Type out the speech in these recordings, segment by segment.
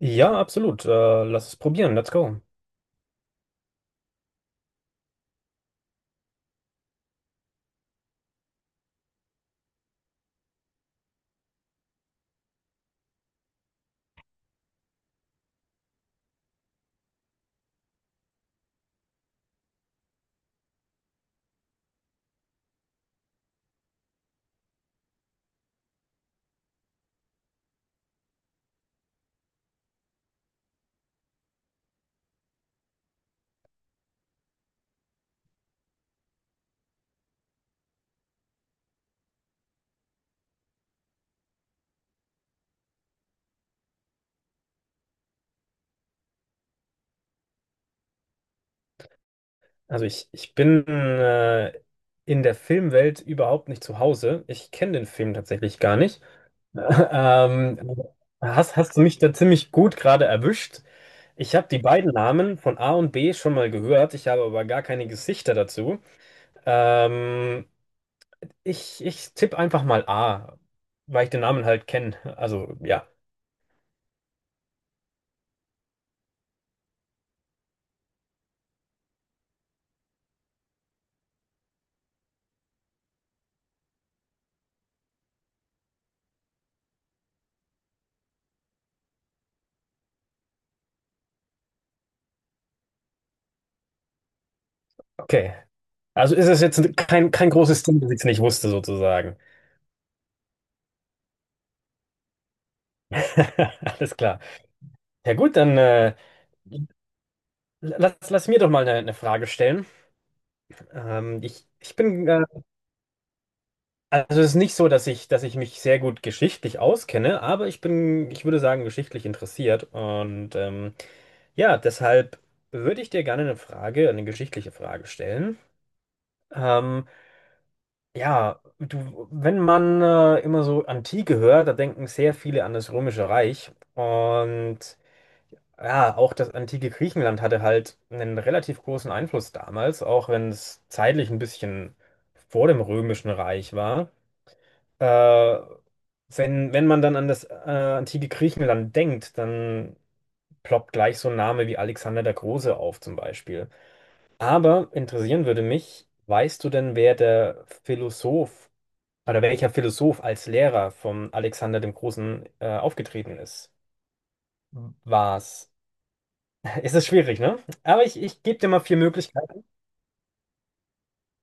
Ja, absolut. Lass es probieren. Let's go. Also ich bin in der Filmwelt überhaupt nicht zu Hause. Ich kenne den Film tatsächlich gar nicht. Ähm, hast du mich da ziemlich gut gerade erwischt? Ich habe die beiden Namen von A und B schon mal gehört. Ich habe aber gar keine Gesichter dazu. Ähm, ich tippe einfach mal A, weil ich den Namen halt kenne. Also ja, okay. Also ist es jetzt kein, großes Ding, dass ich es nicht wusste, sozusagen. Alles klar. Ja gut, dann lass mir doch mal eine, Frage stellen. Ähm, ich, ich bin, äh, also es ist nicht so, dass ich mich sehr gut geschichtlich auskenne, aber ich würde sagen, geschichtlich interessiert. Und ja, deshalb würde ich dir gerne eine geschichtliche Frage stellen. Ähm, ja, wenn man immer so Antike hört, da denken sehr viele an das Römische Reich. Und ja, auch das antike Griechenland hatte halt einen relativ großen Einfluss damals, auch wenn es zeitlich ein bisschen vor dem Römischen Reich war. Äh, wenn man dann an das antike Griechenland denkt, dann ploppt gleich so ein Name wie Alexander der Große auf zum Beispiel. Aber interessieren würde mich, weißt du denn, wer der Philosoph oder welcher Philosoph als Lehrer von Alexander dem Großen aufgetreten ist? War es Es ist schwierig, ne? Aber ich gebe dir mal vier Möglichkeiten.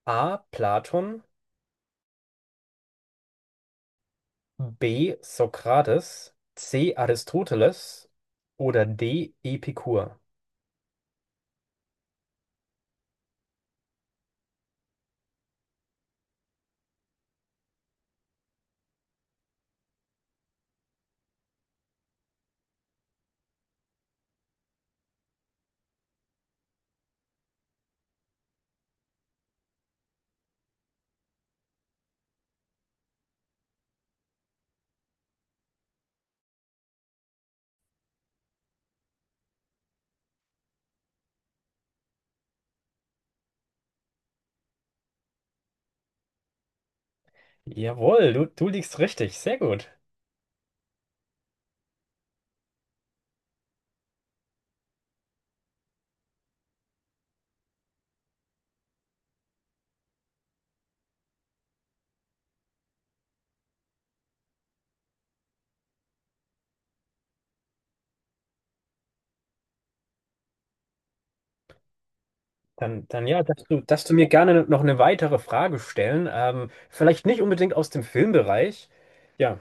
A. Platon, B. Sokrates, C. Aristoteles oder D. Epikur. Jawohl, du liegst richtig. Sehr gut. Dann ja, darfst du mir gerne noch eine weitere Frage stellen. Vielleicht nicht unbedingt aus dem Filmbereich. Ja,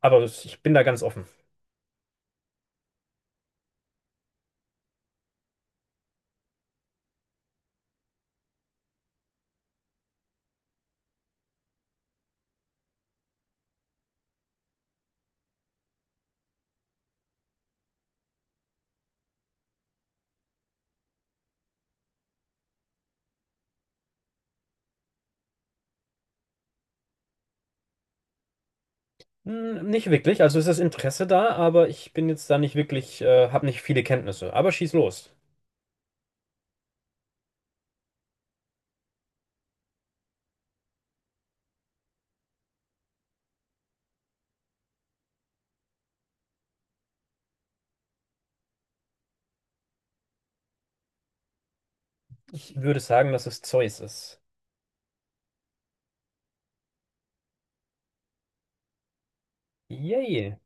aber ich bin da ganz offen. Hm, nicht wirklich. Also ist das Interesse da, aber ich bin jetzt da nicht wirklich, habe nicht viele Kenntnisse. Aber schieß los. Ich würde sagen, dass es Zeus ist. Yay.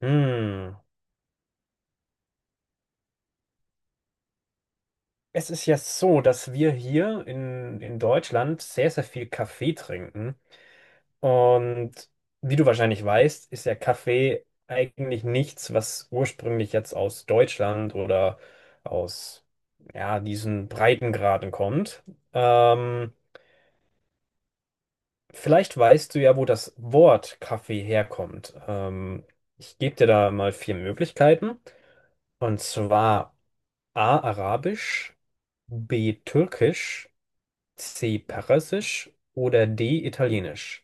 Hm. Es ist ja so, dass wir hier in Deutschland sehr, sehr viel Kaffee trinken. Und wie du wahrscheinlich weißt, ist ja Kaffee eigentlich nichts, was ursprünglich jetzt aus Deutschland oder aus, ja, diesen Breitengraden kommt. Ähm, vielleicht weißt du ja, wo das Wort Kaffee herkommt. Ich gebe dir da mal vier Möglichkeiten. Und zwar: A. Arabisch, B. Türkisch, C. Persisch oder D. Italienisch.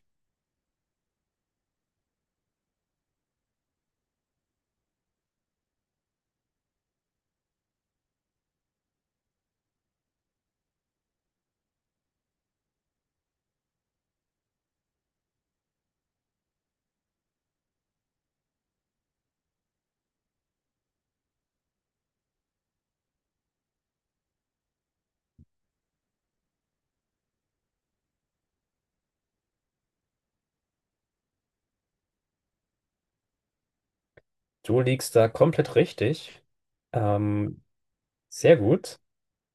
Du liegst da komplett richtig. Ähm, sehr gut.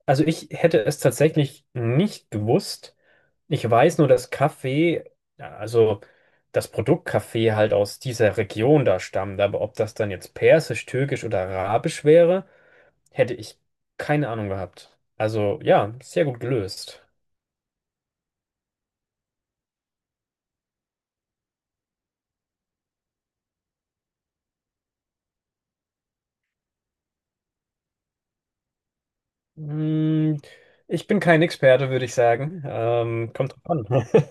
Also ich hätte es tatsächlich nicht gewusst. Ich weiß nur, dass Kaffee, ja, also das Produkt Kaffee halt aus dieser Region da stammt. Aber ob das dann jetzt Persisch, Türkisch oder Arabisch wäre, hätte ich keine Ahnung gehabt. Also ja, sehr gut gelöst. Mm, Ich bin kein Experte, würde ich sagen. Kommt drauf an.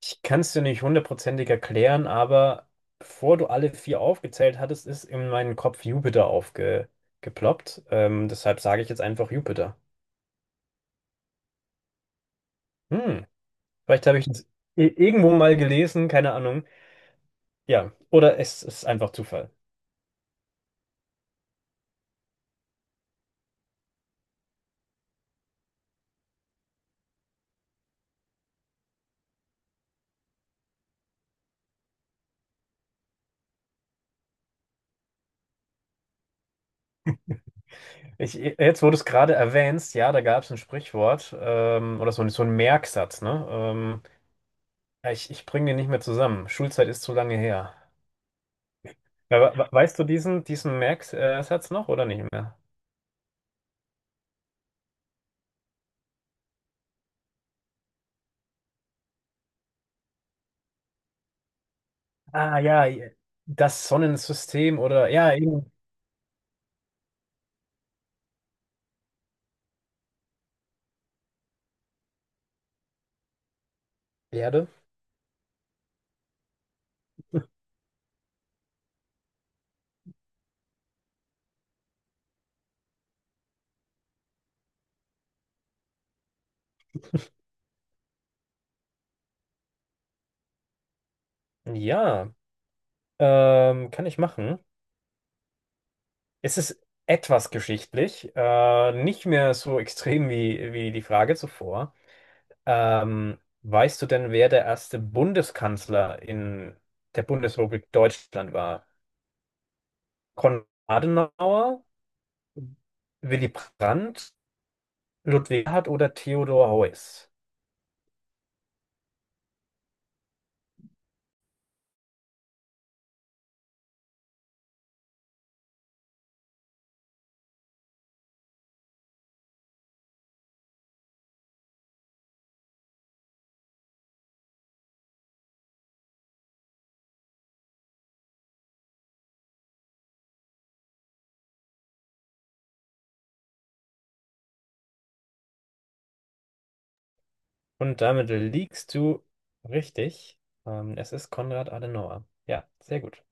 Ich kann es dir nicht hundertprozentig erklären, aber bevor du alle vier aufgezählt hattest, ist in meinen Kopf Jupiter aufgeploppt. Deshalb sage ich jetzt einfach Jupiter. Hm, vielleicht habe ich das irgendwo mal gelesen, keine Ahnung. Ja, oder es ist einfach Zufall. Jetzt, wo du es gerade erwähnst, ja, da gab es ein Sprichwort, oder so, so ein Merksatz, ne? Ja, ich bringe den nicht mehr zusammen. Schulzeit ist zu lange her. Ja, weißt du diesen, Merksatz noch oder nicht mehr? Ah ja, das Sonnensystem oder, ja, eben Erde. Ja, kann ich machen. Es ist etwas geschichtlich, nicht mehr so extrem wie die Frage zuvor. Weißt du denn, wer der erste Bundeskanzler in der Bundesrepublik Deutschland war? Konrad Adenauer, Willy Brandt, Ludwig Erhard oder Theodor Heuss? Und damit liegst du richtig. Es ist Konrad Adenauer. Ja, sehr gut.